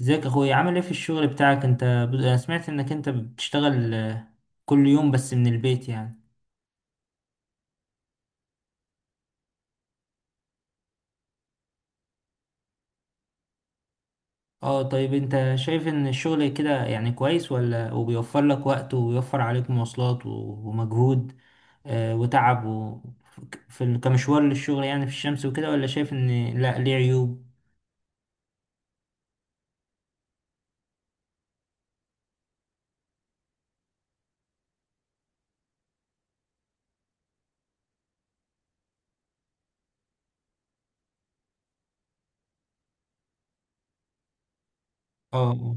ازيك يا اخويا، عامل ايه في الشغل بتاعك انت؟ انا سمعت انك بتشتغل، كل يوم بس من البيت يعني. اه، طيب انت شايف ان الشغل كده يعني كويس، ولا وبيوفر لك وقت وبيوفر عليك مواصلات و- ومجهود وتعب في كمشوار للشغل، يعني في الشمس وكده، ولا شايف ان لا، ليه عيوب؟ اه، اه،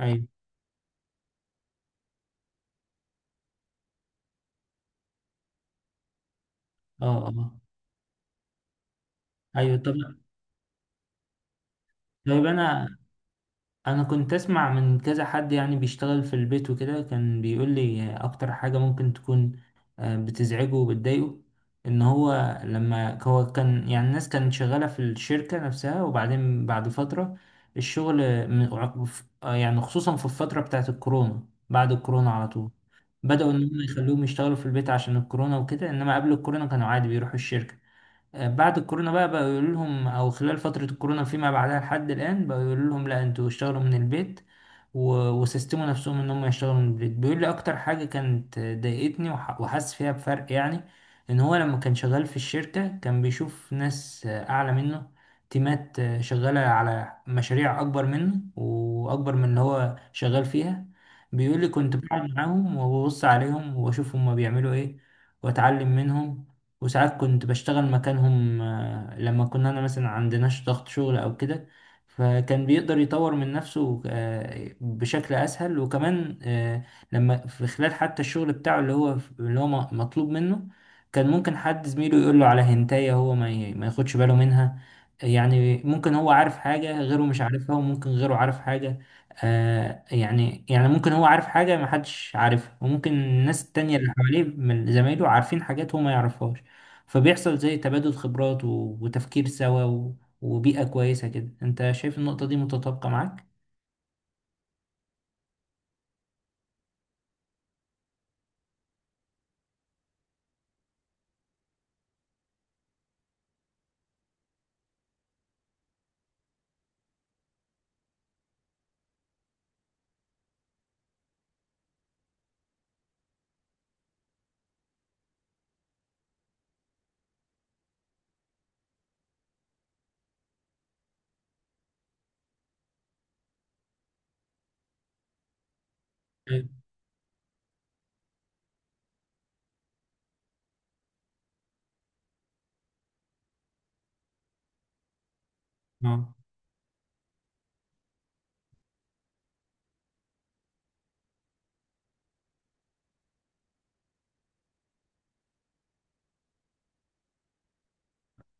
ايوه، اه، اه، ايوه. طيب انا كنت اسمع من كذا حد يعني بيشتغل في البيت وكده، كان بيقول لي اكتر حاجة ممكن تكون بتزعجه وبتضايقه، ان هو لما هو كان، يعني الناس كانت شغالة في الشركة نفسها، وبعدين بعد فترة الشغل يعني خصوصا في الفترة بتاعت الكورونا، بعد الكورونا على طول بدأوا ان هم يخلوهم يشتغلوا في البيت عشان الكورونا وكده، انما قبل الكورونا كانوا عادي بيروحوا الشركة. بعد الكورونا بقى بقوا يقولوا لهم، او خلال فترة الكورونا فيما بعدها لحد الآن بقوا يقولوا لهم لا انتوا اشتغلوا من البيت و- وسيستموا نفسهم ان هم يشتغلوا من البيت. بيقول لي اكتر حاجة كانت ضايقتني وح- وحاسس فيها بفرق، يعني ان هو لما كان شغال في الشركة كان بيشوف ناس اعلى منه، تيمات شغالة على مشاريع اكبر منه واكبر من اللي هو شغال فيها. بيقول لي كنت بقعد معاهم وببص عليهم واشوف هما بيعملوا ايه، واتعلم منهم. وساعات كنت بشتغل مكانهم لما كنا أنا مثلا عندناش ضغط شغل أو كده، فكان بيقدر يطور من نفسه بشكل أسهل، وكمان لما في خلال حتى الشغل بتاعه اللي هو مطلوب منه، كان ممكن حد زميله يقول له على هنتاية هو ما ياخدش باله منها. يعني ممكن هو عارف حاجة غيره مش عارفها، وممكن غيره عارف حاجة. يعني ممكن هو عارف حاجة محدش عارفها، وممكن الناس التانية اللي حواليه من زمايله عارفين حاجات هو ما يعرفهاش. فبيحصل زي تبادل خبرات و- وتفكير سوا و- وبيئة كويسة كده. انت شايف النقطة دي متطابقة معاك؟ طيب. اه،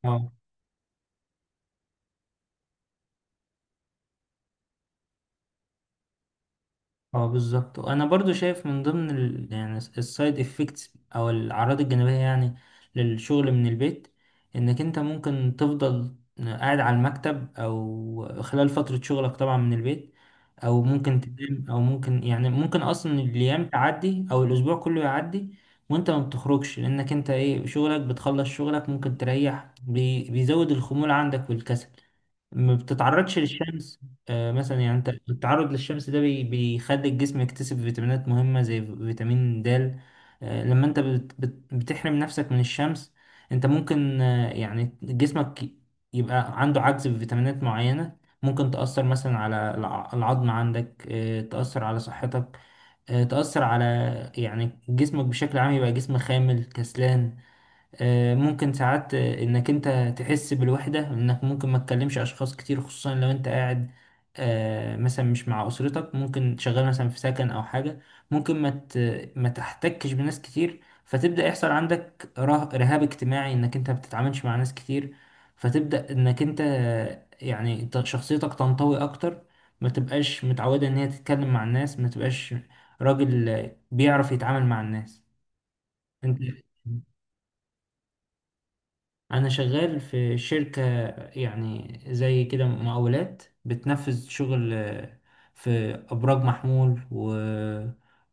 اه، اه، بالظبط. وانا برضو شايف من ضمن يعني السايد افكتس، او الاعراض الجانبيه يعني، للشغل من البيت، انك انت ممكن تفضل قاعد على المكتب او خلال فتره شغلك طبعا من البيت، او ممكن تنام، او ممكن يعني ممكن اصلا الايام تعدي او الاسبوع كله يعدي وانت ما بتخرجش، لانك انت ايه، شغلك بتخلص شغلك ممكن تريح، بيزود الخمول عندك والكسل، ما بتتعرضش للشمس. مثلا يعني انت التعرض للشمس ده بيخلي الجسم يكتسب فيتامينات مهمة زي فيتامين د. لما انت بت بت بتحرم نفسك من الشمس، انت ممكن، يعني جسمك يبقى عنده عجز في فيتامينات معينة، ممكن تأثر مثلا على العظم عندك، تأثر على صحتك، تأثر على، يعني جسمك بشكل عام يبقى جسم خامل كسلان. ممكن ساعات انك انت تحس بالوحدة، انك ممكن ما تكلمش اشخاص كتير، خصوصا لو انت قاعد مثلا مش مع اسرتك، ممكن شغال مثلا في سكن او حاجة، ممكن ما تحتكش بناس كتير، فتبدأ يحصل عندك رهاب اجتماعي، انك انت ما بتتعاملش مع ناس كتير، فتبدأ انك انت شخصيتك تنطوي اكتر، ما تبقاش متعودة ان هي تتكلم مع الناس، ما تبقاش راجل بيعرف يتعامل مع الناس. انت انا شغال في شركة، يعني زي كده مقاولات بتنفذ شغل في ابراج محمول و...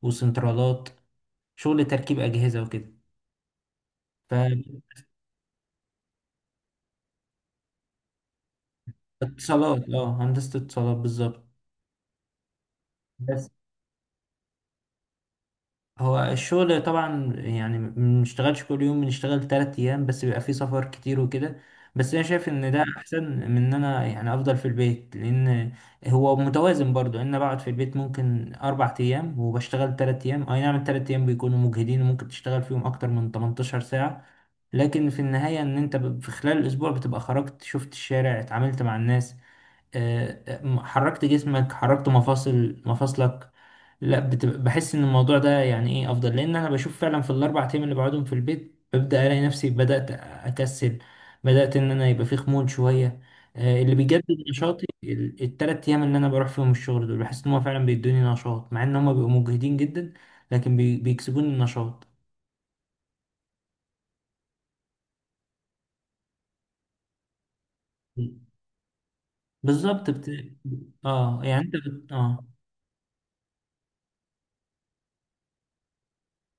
وسنترالات، شغل تركيب اجهزة وكده. فاتصالات اه هندسة اتصالات بالظبط. بس هو الشغل طبعا يعني ما بنشتغلش كل يوم، بنشتغل 3 أيام بس، بيبقى فيه سفر كتير وكده. بس أنا شايف إن ده أحسن من إن أنا يعني أفضل في البيت، لأن هو متوازن برضو، إن أنا بقعد في البيت ممكن 4 أيام وبشتغل 3 أيام. أي نعم، ال3 أيام بيكونوا مجهدين وممكن تشتغل فيهم أكتر من 18 ساعة، لكن في النهاية إن أنت في خلال الأسبوع بتبقى خرجت، شفت الشارع، اتعاملت مع الناس، حركت جسمك، حركت مفاصلك. لا، بتبقى بحس ان الموضوع ده يعني ايه افضل، لان انا بشوف فعلا في ال4 ايام اللي بقعدهم في البيت ببدا الاقي نفسي بدات اكسل، بدات ان انا يبقى في خمول شويه. اللي بيجدد نشاطي ال3 ايام اللي انا بروح فيهم الشغل دول، بحس ان هم فعلا بيدوني نشاط، مع ان هم بيبقوا مجهدين جدا، لكن بيكسبوني النشاط. بالظبط بت... اه يعني انت بت... اه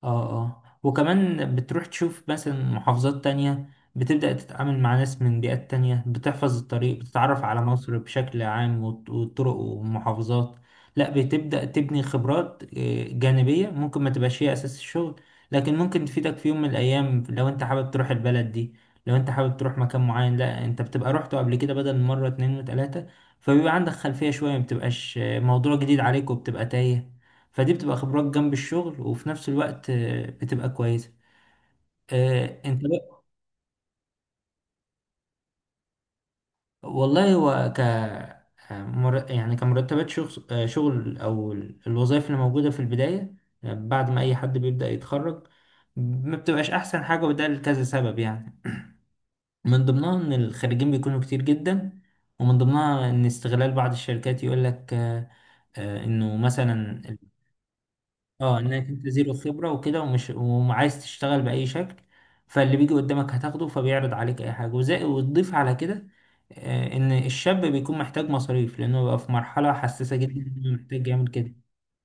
اه اه وكمان بتروح تشوف مثلا محافظات تانية، بتبدأ تتعامل مع ناس من بيئات تانية، بتحفظ الطريق، بتتعرف على مصر بشكل عام والط- والطرق والمحافظات. لا بتبدأ تبني خبرات جانبية، ممكن ما تبقاش هي أساس الشغل لكن ممكن تفيدك في يوم من الأيام، لو أنت حابب تروح البلد دي، لو أنت حابب تروح مكان معين، لا أنت بتبقى روحته قبل كده بدل مرة اتنين وتلاتة، فبيبقى عندك خلفية شوية، ما بتبقاش موضوع جديد عليك، وبتبقى تايه. فدي بتبقى خبرات جنب الشغل، وفي نفس الوقت بتبقى كويسة. انت بقى. والله هو، يعني كمرتبات شغل، او الوظائف اللي موجودة في البداية، بعد ما اي حد بيبدأ يتخرج ما بتبقاش احسن حاجة، وده لكذا سبب يعني، من ضمنها ان الخريجين بيكونوا كتير جدا، ومن ضمنها ان استغلال بعض الشركات، يقول لك انه مثلا، اه انك انت زيرو خبرة وكده، ومش، وعايز تشتغل بأي شكل، فاللي بيجي قدامك هتاخده، فبيعرض عليك اي حاجة، وزي وتضيف على كده. ان الشاب بيكون محتاج مصاريف لانه بقى في مرحلة حساسة جدا، إنه محتاج يعمل كده.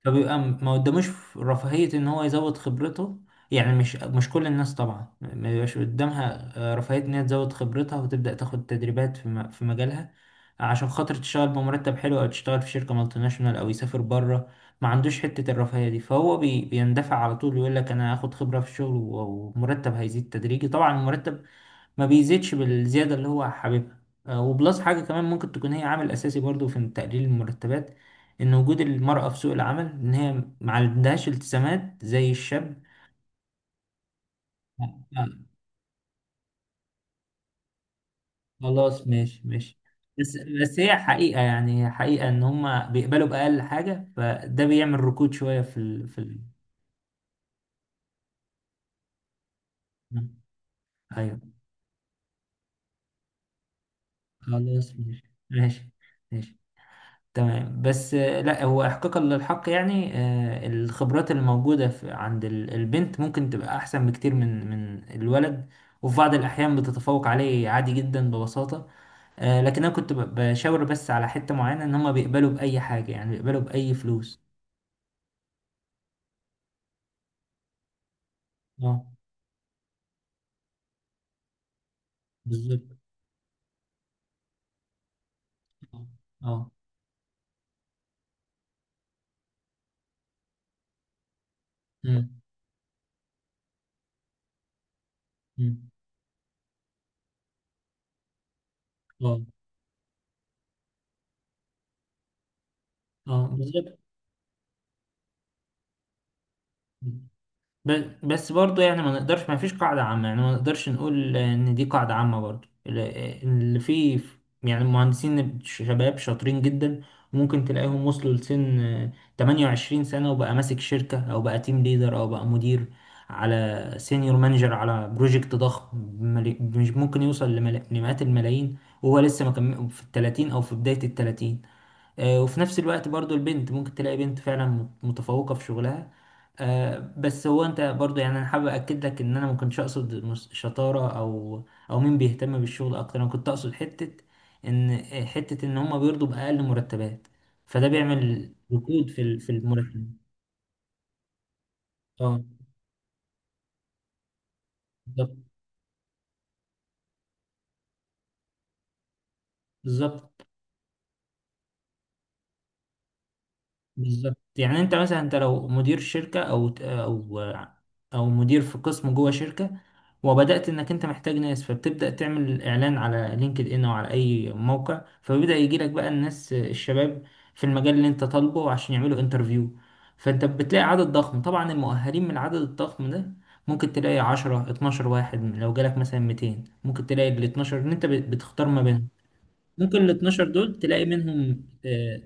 فبيبقى ما قداموش رفاهية ان هو يزود خبرته. يعني مش، مش كل الناس طبعا ما بيبقاش قدامها رفاهية ان هي تزود خبرتها وتبدأ تاخد تدريبات في مجالها، عشان خاطر تشتغل بمرتب حلو، او تشتغل في شركة مالتي ناشونال، او يسافر بره. ما عندوش حتة الرفاهية دي، فهو بيندفع على طول يقول لك انا هاخد خبرة في الشغل و- ومرتب هيزيد تدريجي، طبعا المرتب ما بيزيدش بالزيادة اللي هو حاببها. وبلس حاجة كمان ممكن تكون هي عامل أساسي برضو في تقليل المرتبات، إن وجود المرأة في سوق العمل، إن هي ما عندهاش التزامات زي الشاب. آه، آه، خلاص ماشي ماشي. بس بس هي حقيقة، يعني هي حقيقة إن هما بيقبلوا بأقل حاجة، فده بيعمل ركود شوية أيوه، خلاص ماشي ماشي ماشي، تمام. بس لا، هو احقاقا للحق يعني، الخبرات اللي موجودة البنت ممكن تبقى احسن بكتير من الولد، وفي بعض الاحيان بتتفوق عليه عادي جدا ببساطة. لكن انا كنت بشاور بس على حتة معينة، ان هما بيقبلوا بأي حاجة، يعني بيقبلوا بأي فلوس. اه، بالظبط، اه، اه، امم أمم. اه، اه، بالظبط. بس برضه يعني ما نقدرش، ما فيش قاعدة عامة يعني، ما نقدرش نقول إن دي قاعدة عامة برضه اللي فيه، يعني المهندسين شباب شاطرين جدا، وممكن تلاقيهم وصلوا لسن 28 سنة، وبقى ماسك شركة أو بقى تيم ليدر أو بقى مدير، على سينيور مانجر على بروجكت ضخم مش ممكن يوصل لمئات الملايين، وهو لسه ما كم في ال 30 أو في بداية ال 30. وفي نفس الوقت برضو البنت ممكن تلاقي بنت فعلا متفوقة في شغلها. بس هو انت برضو يعني، انا حابب اكد لك ان انا ما كنتش اقصد شطارة، او مين بيهتم بالشغل اكتر. انا كنت اقصد حتة، ان هم بيرضوا باقل مرتبات، فده بيعمل ركود في المرتب. اه، بالظبط، بالظبط، بالظبط. يعني انت مثلا، انت لو مدير شركة، او مدير في قسم جوه شركة، وبدأت انك انت محتاج ناس، فبتبدأ تعمل اعلان على لينكد ان او على اي موقع، فبيبدأ يجيلك بقى الناس الشباب في المجال اللي انت طالبه عشان يعملوا انترفيو. فانت بتلاقي عدد ضخم، طبعا المؤهلين من العدد الضخم ده ممكن تلاقي 10 12 واحد، لو جالك مثلا 200. ممكن تلاقي ال 12 ان انت بتختار ما بينهم، ممكن ال 12 دول تلاقي منهم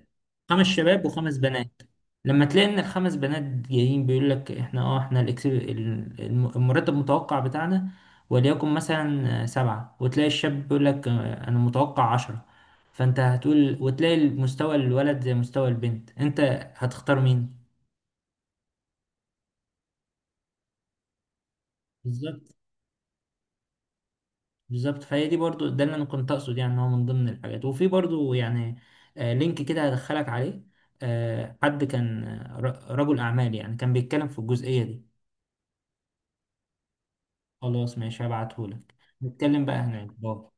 خمس شباب وخمس بنات. لما تلاقي ان الخمس بنات جايين بيقول لك احنا المرتب المتوقع بتاعنا وليكن مثلا سبعة، وتلاقي الشاب بيقول لك انا متوقع 10، فانت هتقول، وتلاقي مستوى الولد زي مستوى البنت، انت هتختار مين؟ بالظبط، بالظبط. فهي دي برضو، ده اللي انا كنت اقصد، يعني إن هو من ضمن الحاجات، وفي برضو يعني لينك كده هدخلك عليه، حد كان رجل اعمال يعني، كان بيتكلم في الجزئية دي. خلاص، ماشي هبعتهولك. نتكلم بقى هناك. باي.